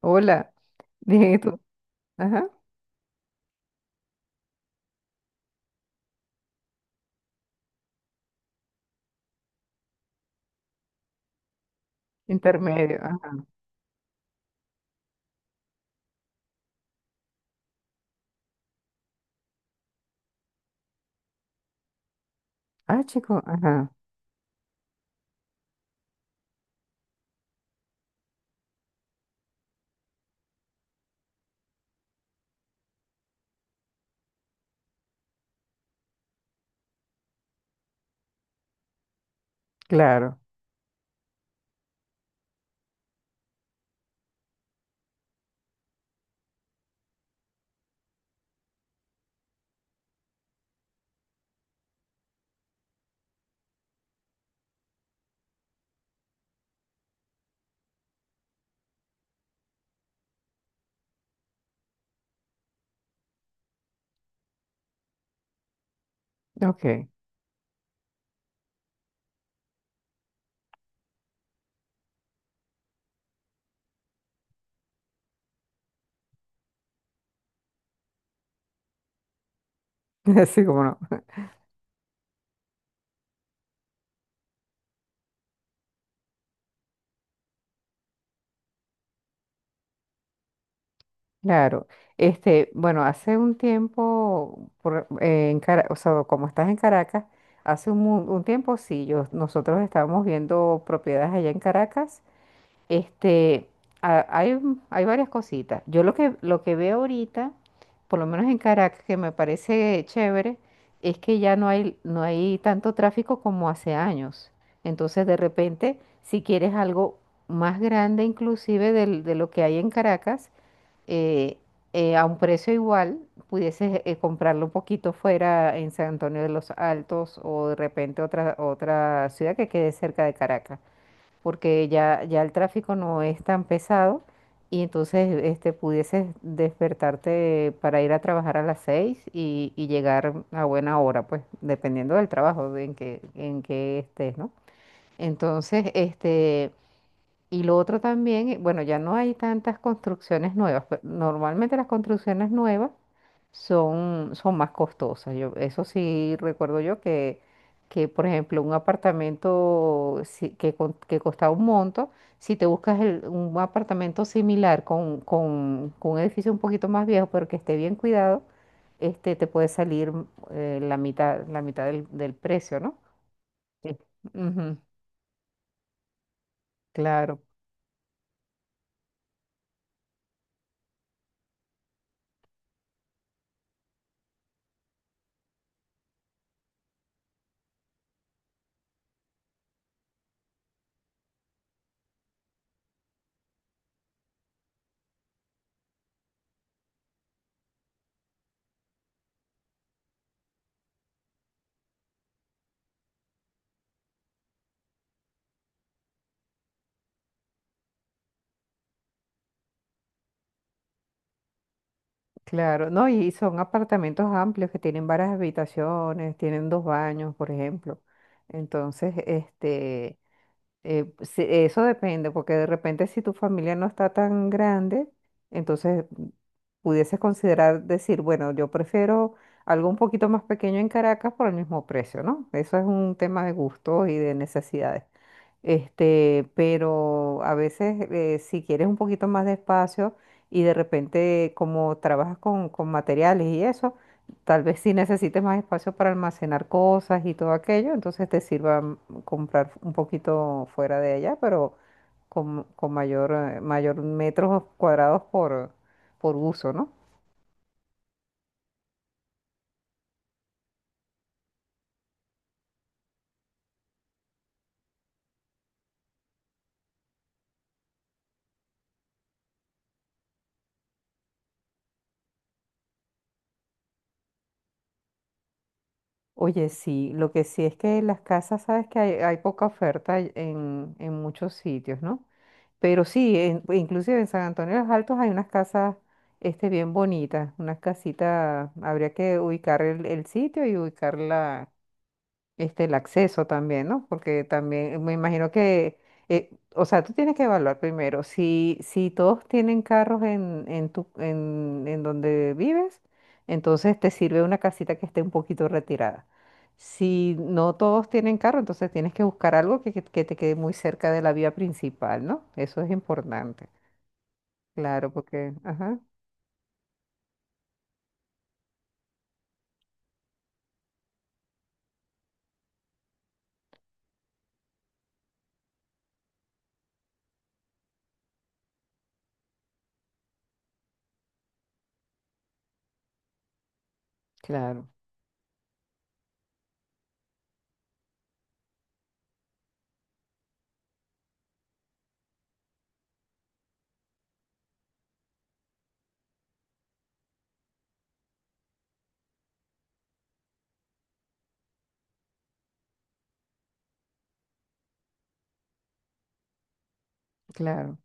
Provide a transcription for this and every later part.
Hola, dije tú. Ajá, intermedio. Ajá. Ah, chico, ajá, claro. Ok, así como no. Claro. Este, bueno, hace un tiempo, o sea, como estás en Caracas, hace un tiempo sí, nosotros estábamos viendo propiedades allá en Caracas. Este, a- hay, hay varias cositas. Yo lo que veo ahorita, por lo menos en Caracas, que me parece chévere, es que ya no hay tanto tráfico como hace años. Entonces, de repente, si quieres algo más grande inclusive de, lo que hay en Caracas, eh, a un precio igual, pudieses comprarlo un poquito fuera en San Antonio de los Altos o de repente otra ciudad que quede cerca de Caracas porque ya el tráfico no es tan pesado y entonces este, pudieses despertarte para ir a trabajar a las 6 y llegar a buena hora, pues dependiendo del trabajo de en que estés, ¿no? Entonces, este, y lo otro también, bueno, ya no hay tantas construcciones nuevas. Normalmente las construcciones nuevas son más costosas. Yo, eso sí recuerdo yo que, por ejemplo, un apartamento que costaba un monto, si te buscas un apartamento similar con un edificio un poquito más viejo, pero que esté bien cuidado, este, te puede salir la mitad del precio, ¿no? Sí. Ujú, claro. Claro, no, y son apartamentos amplios que tienen varias habitaciones, tienen dos baños, por ejemplo. Entonces, este, sí, eso depende, porque de repente si tu familia no está tan grande, entonces pudieses considerar decir, bueno, yo prefiero algo un poquito más pequeño en Caracas por el mismo precio, ¿no? Eso es un tema de gustos y de necesidades. Este, pero a veces si quieres un poquito más de espacio y de repente como trabajas con materiales y eso, tal vez si necesites más espacio para almacenar cosas y todo aquello, entonces te sirva comprar un poquito fuera de allá, pero con mayor, mayor metros cuadrados por uso, ¿no? Oye, sí, lo que sí es que las casas, sabes que hay poca oferta en muchos sitios, ¿no? Pero sí, pues, inclusive en San Antonio de los Altos hay unas casas este, bien bonitas, unas casitas, habría que ubicar el sitio y ubicarla este, el acceso también, ¿no? Porque también me imagino que, o sea, tú tienes que evaluar primero si todos tienen carros en donde vives, entonces te sirve una casita que esté un poquito retirada. Si no todos tienen carro, entonces tienes que buscar algo que te quede muy cerca de la vía principal, ¿no? Eso es importante. Claro, porque, ajá, claro, claro,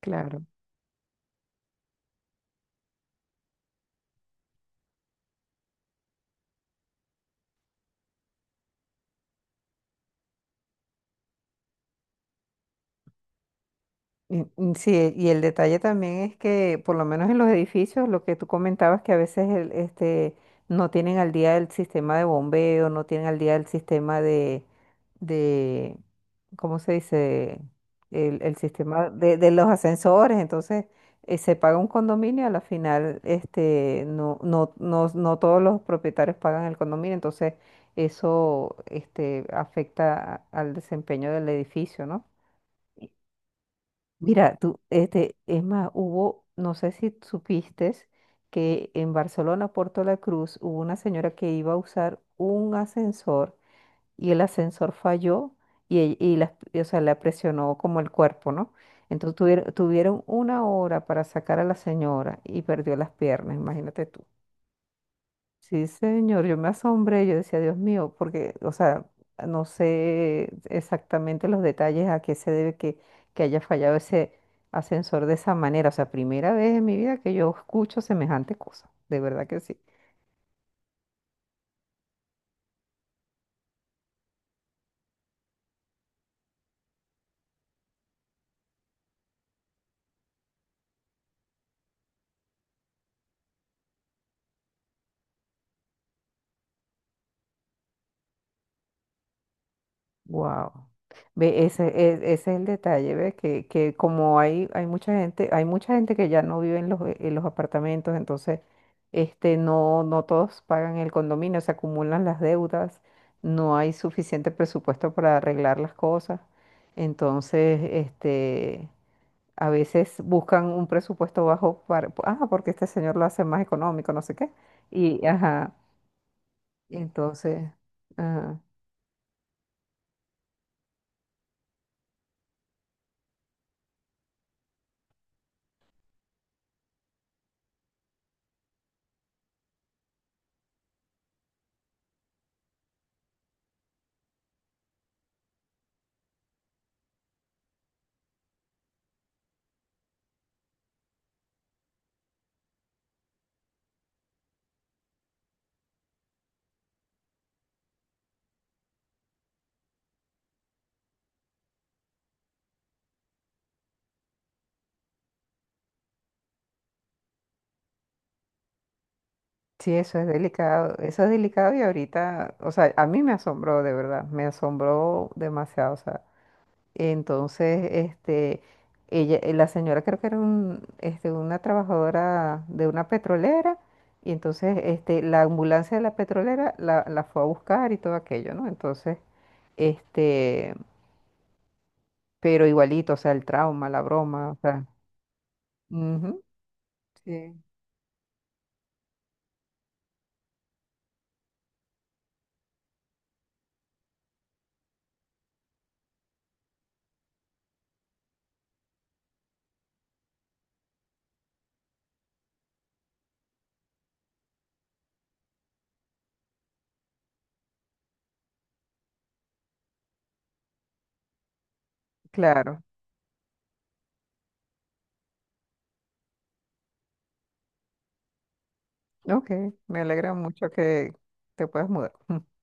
claro. Mm, mm, sí, y el detalle también es que, por lo menos en los edificios, lo que tú comentabas, que a veces no tienen al día el sistema de bombeo, no tienen al día el sistema de, ¿cómo se dice? El sistema de, los ascensores, entonces se paga un condominio, a la final este, no, no, no, no todos los propietarios pagan el condominio, entonces eso este, afecta al desempeño del edificio, ¿no? Mira, tú, este, es más, hubo, no sé si supiste que en Barcelona, Puerto La Cruz, hubo una señora que iba a usar un ascensor y el ascensor falló y, o sea, la presionó como el cuerpo, ¿no? Entonces tuvieron una hora para sacar a la señora y perdió las piernas, imagínate tú. Sí, señor, yo me asombré, yo decía, Dios mío, porque, o sea, no sé exactamente los detalles a qué se debe que haya fallado ese ascensor de esa manera. O sea, primera vez en mi vida que yo escucho semejante cosa, de verdad que sí. Wow. Ve, ese es el detalle, ¿ves? Que como hay mucha gente, hay mucha gente que ya no vive en en los apartamentos, entonces este, no, no todos pagan el condominio, se acumulan las deudas, no hay suficiente presupuesto para arreglar las cosas. Entonces, este, a veces buscan un presupuesto bajo porque este señor lo hace más económico, no sé qué. Y, ajá, entonces, ajá. Sí, eso es delicado y ahorita, o sea, a mí me asombró de verdad, me asombró demasiado, o sea, entonces, este, la señora creo que era una trabajadora de una petrolera y entonces, este, la ambulancia de la petrolera la fue a buscar y todo aquello, ¿no? Entonces, este, pero igualito, o sea, el trauma, la broma, o sea, ujú, sí, claro, ok, me alegra mucho que te puedas mudar.